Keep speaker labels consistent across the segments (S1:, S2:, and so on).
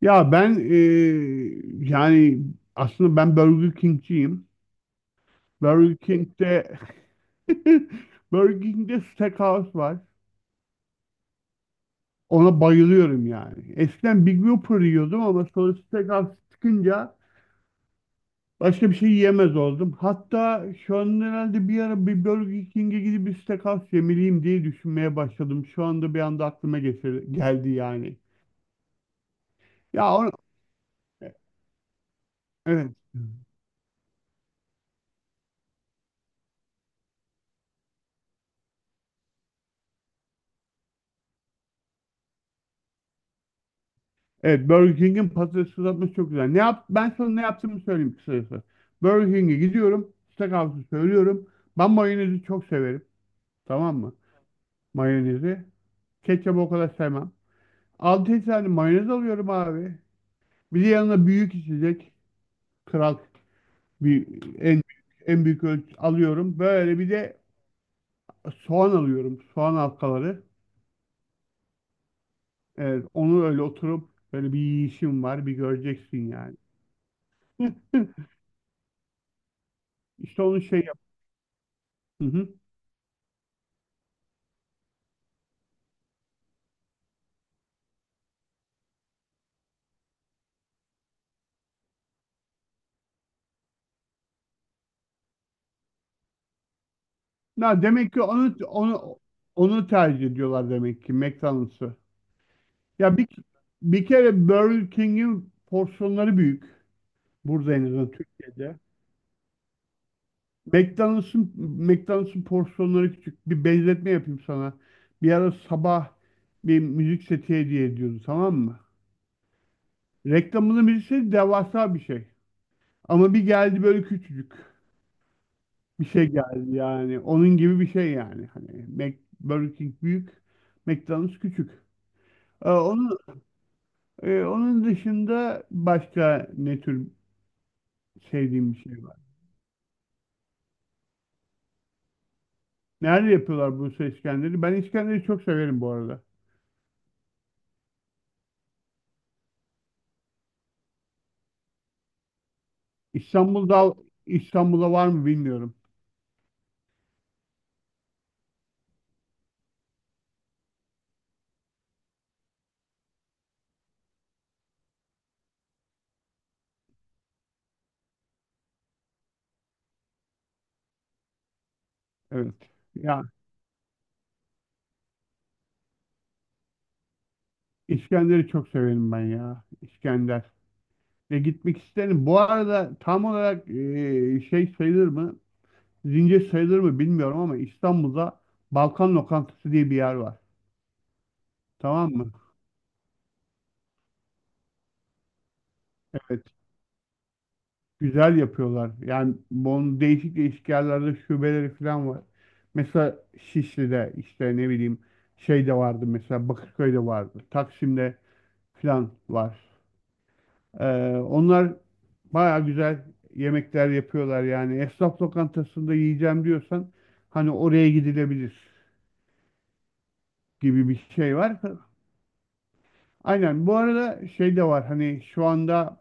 S1: Ya ben yani aslında ben Burger King'ciyim. Burger King'de Burger King'de Steakhouse var. Ona bayılıyorum yani. Eskiden Big Whopper yiyordum ama sonra Steakhouse çıkınca başka bir şey yiyemez oldum. Hatta şu an herhalde bir ara bir Burger King'e gidip bir Steakhouse yemeliyim diye düşünmeye başladım. Şu anda bir anda aklıma geldi yani. Ya evet. Evet, Burger King'in patates kızartması çok güzel. Ne yap Ben sana ne yaptığımı söyleyeyim kısacası. Burger King'e gidiyorum. Steakhouse'u söylüyorum. Ben mayonezi çok severim. Tamam mı? Mayonezi. Ketçapı o kadar sevmem. 6 tane mayonez alıyorum abi. Bir de yanına büyük içecek. Kral bir, en en büyük ölçü alıyorum. Böyle bir de soğan alıyorum. Soğan halkaları. Evet, onu öyle oturup böyle bir yiyişim var. Bir göreceksin yani. İşte onu şey yap. Na demek ki onu tercih ediyorlar demek ki, McDonald's'ı. Ya bir kere Burger King'in porsiyonları büyük. Burada en azından, Türkiye'de. McDonald's'ın McDonald's'ın porsiyonları küçük. Bir benzetme yapayım sana. Bir ara sabah bir müzik seti hediye ediyordu, tamam mı? Reklamında müzik seti devasa bir şey. Ama bir geldi, böyle küçücük bir şey geldi yani. Onun gibi bir şey yani. Hani Mac, Burger King büyük, McDonald's küçük. Onun onun dışında başka ne tür sevdiğim bir şey var? Nerede yapıyorlar Bursa İskender'i? Ben İskender'i çok severim bu arada. İstanbul'da İstanbul'da var mı bilmiyorum. Evet. Ya, İskender'i çok severim ben ya. İskender. Ve gitmek isterim. Bu arada tam olarak şey sayılır mı? Zincir sayılır mı bilmiyorum ama İstanbul'da Balkan Lokantası diye bir yer var. Tamam mı? Evet. Güzel yapıyorlar. Yani bunun değişik değişik yerlerde şubeleri falan var. Mesela Şişli'de, işte ne bileyim, şey de vardı, mesela Bakırköy'de vardı. Taksim'de falan var. Ee, Onlar baya güzel yemekler yapıyorlar yani. Esnaf lokantasında yiyeceğim diyorsan, hani oraya gidilebilir gibi bir şey var. Aynen, bu arada şey de var, hani şu anda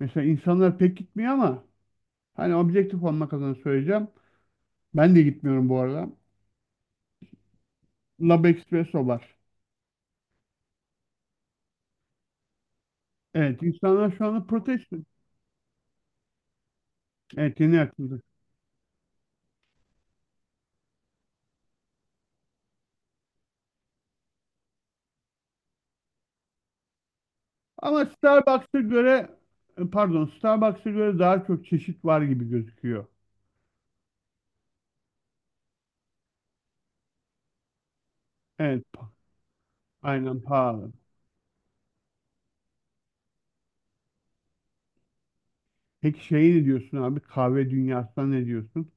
S1: mesela insanlar pek gitmiyor ama, hani objektif olmak adına söyleyeceğim. Ben de gitmiyorum bu arada. Lab Espresso var. Evet, insanlar şu anda protesto. Evet, yeni açıldı. Ama Starbucks'a göre pardon, Starbucks'a göre daha çok çeşit var gibi gözüküyor. Evet, aynen pahalı. Peki şey ne diyorsun abi? Kahve dünyasına ne diyorsun?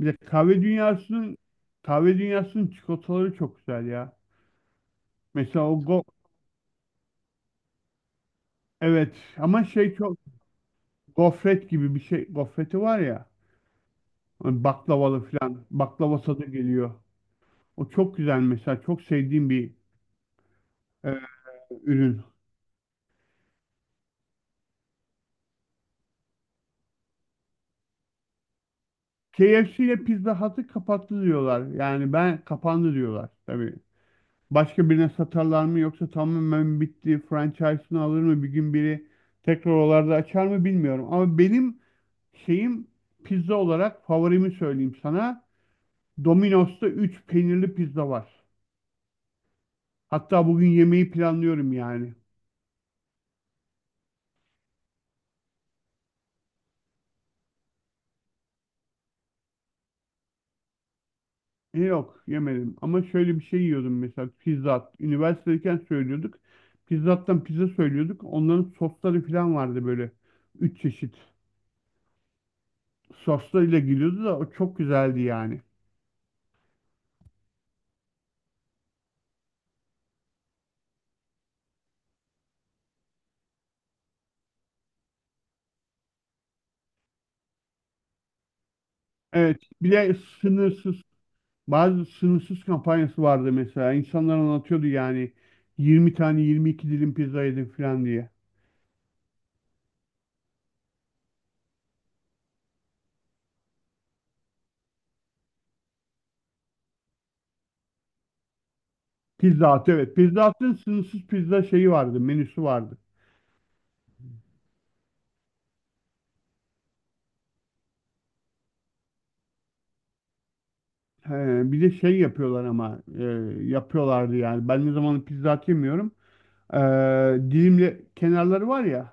S1: Bir de kahve dünyasının çikolataları çok güzel ya. Mesela o evet, ama şey, çok gofret gibi bir şey. Gofreti var ya, hani baklavalı falan. Baklava tadı geliyor. O çok güzel mesela. Çok sevdiğim bir e, ürün. KFC ile Pizza Hut'ı kapattı diyorlar. Yani ben kapandı diyorlar. Tabii. Başka birine satarlar mı, yoksa tamamen bitti, franchise'ını alır mı bir gün biri, tekrar oralarda açar mı bilmiyorum. Ama benim şeyim, pizza olarak favorimi söyleyeyim sana. Domino's'ta 3 peynirli pizza var. Hatta bugün yemeği planlıyorum yani. Yok, yemedim ama şöyle bir şey yiyordum mesela, pizza. Üniversitedeyken söylüyorduk. Pizzattan pizza söylüyorduk. Onların sosları falan vardı böyle. Üç çeşit soslarıyla geliyordu da o çok güzeldi yani. Evet, bir de sınırsız bazı sınırsız kampanyası vardı mesela. İnsanlar anlatıyordu yani, 20 tane 22 dilim pizza yedim falan diye. Pizza Hut, evet. Pizza Hut'ın sınırsız pizza şeyi vardı, menüsü vardı. He, Bir de şey yapıyorlar ama yapıyorlardı yani. Ben ne zaman pizza et yemiyorum. E, Dilimli kenarları var ya.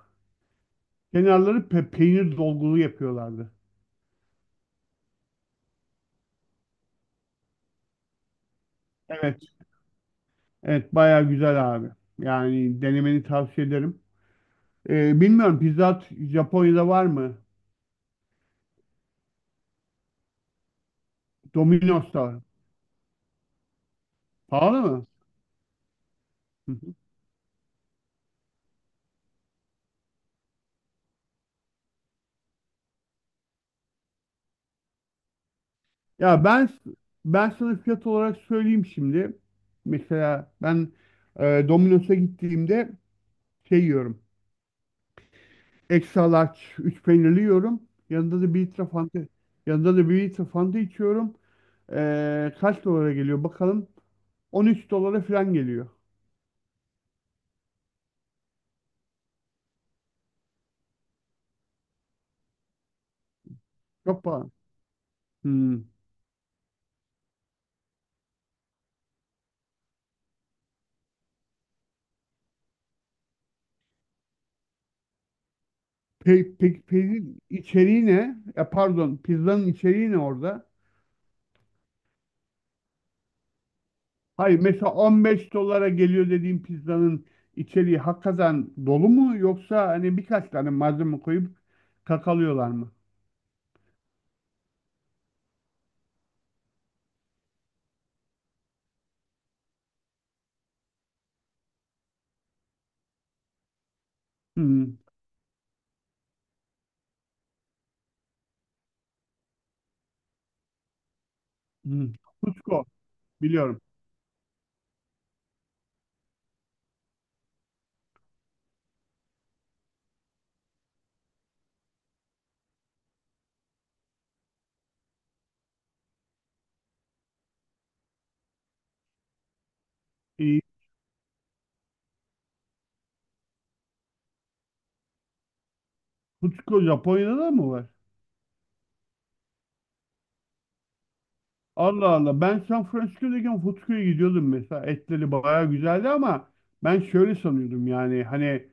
S1: Kenarları peynir dolgulu yapıyorlardı. Evet. Evet, baya güzel abi. Yani denemeni tavsiye ederim. Bilmiyorum, Pizza Hut Japonya'da var mı? Domino's'ta var. Pahalı mı? Hı hı. Ya ben sana fiyat olarak söyleyeyim şimdi. Mesela ben Domino's'a gittiğimde şey yiyorum. Extra large 3 peynirli yiyorum. Yanında da bir litre fanta, yanında da bir litre fanta içiyorum. Kaç dolara geliyor bakalım. 13 dolara falan geliyor. Çok pahalı. Hmm. Pe pe Peynir içeriği ne? Ya pardon, pizzanın içeriği ne orada? Hayır, mesela 15 dolara geliyor dediğim pizzanın içeriği hakikaten dolu mu, yoksa hani birkaç tane malzeme koyup kakalıyorlar mı? Hmm. Hmm. Cusco biliyorum. Ee, Cusco Japonya'da da mı var? Allah Allah. Ben San Francisco'dayken Footköy'e gidiyordum mesela. Etleri bayağı güzeldi ama ben şöyle sanıyordum yani, hani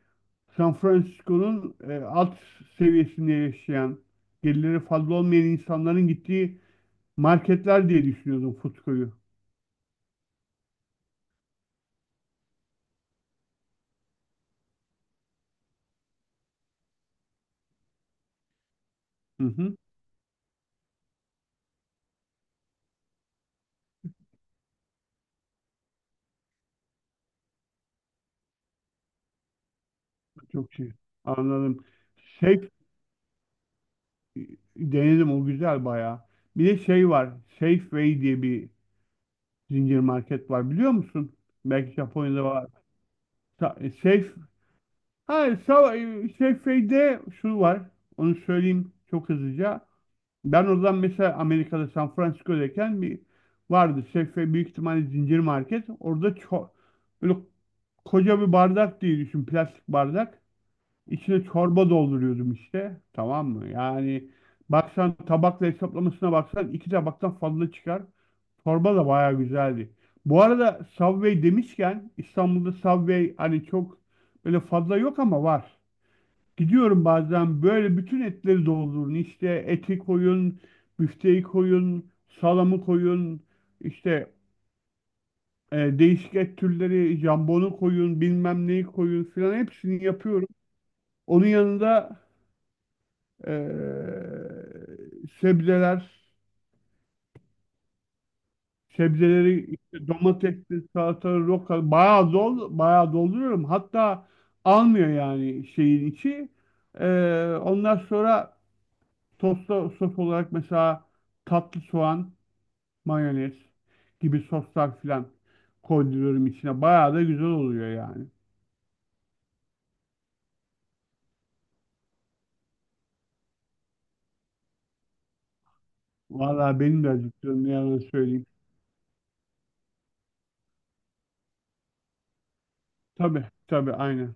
S1: San Francisco'nun alt seviyesinde yaşayan, gelirleri fazla olmayan insanların gittiği marketler diye düşünüyordum Footköy'ü. Hı hı. Çok şey. Anladım. Safe e, Denedim, o güzel bayağı. Bir de şey var. Safeway diye bir zincir market var, biliyor musun? Belki Japonya'da var. Sa- e, Safe Ha, sava- şey, Şeyde şu var. Onu söyleyeyim çok hızlıca. Ben oradan mesela, Amerika'da San Francisco'dayken bir vardı. Safeway, büyük ihtimalle zincir market. Orada böyle koca bir bardak diye düşün. Plastik bardak. İçine çorba dolduruyordum işte. Tamam mı? Yani baksan, tabakla hesaplamasına baksan iki tabaktan fazla çıkar. Çorba da bayağı güzeldi. Bu arada, Subway demişken, İstanbul'da Subway hani çok böyle fazla yok ama var. Gidiyorum bazen, böyle bütün etleri doldurun. İşte eti koyun, büfteyi koyun, salamı koyun, işte değişik et türleri, jambonu koyun, bilmem neyi koyun filan, hepsini yapıyorum. Onun yanında e, sebzeler, sebzeleri işte domatesli, salatalı, roka, bayağı dolduruyorum. Hatta almıyor yani, şeyin içi. E, Ondan sonra Tosta sos olarak mesela tatlı soğan, mayonez gibi soslar filan koyduruyorum içine. Bayağı da güzel oluyor yani. Vallahi benim de acıktığım ne yalan söyleyeyim. Tabii tabii aynen.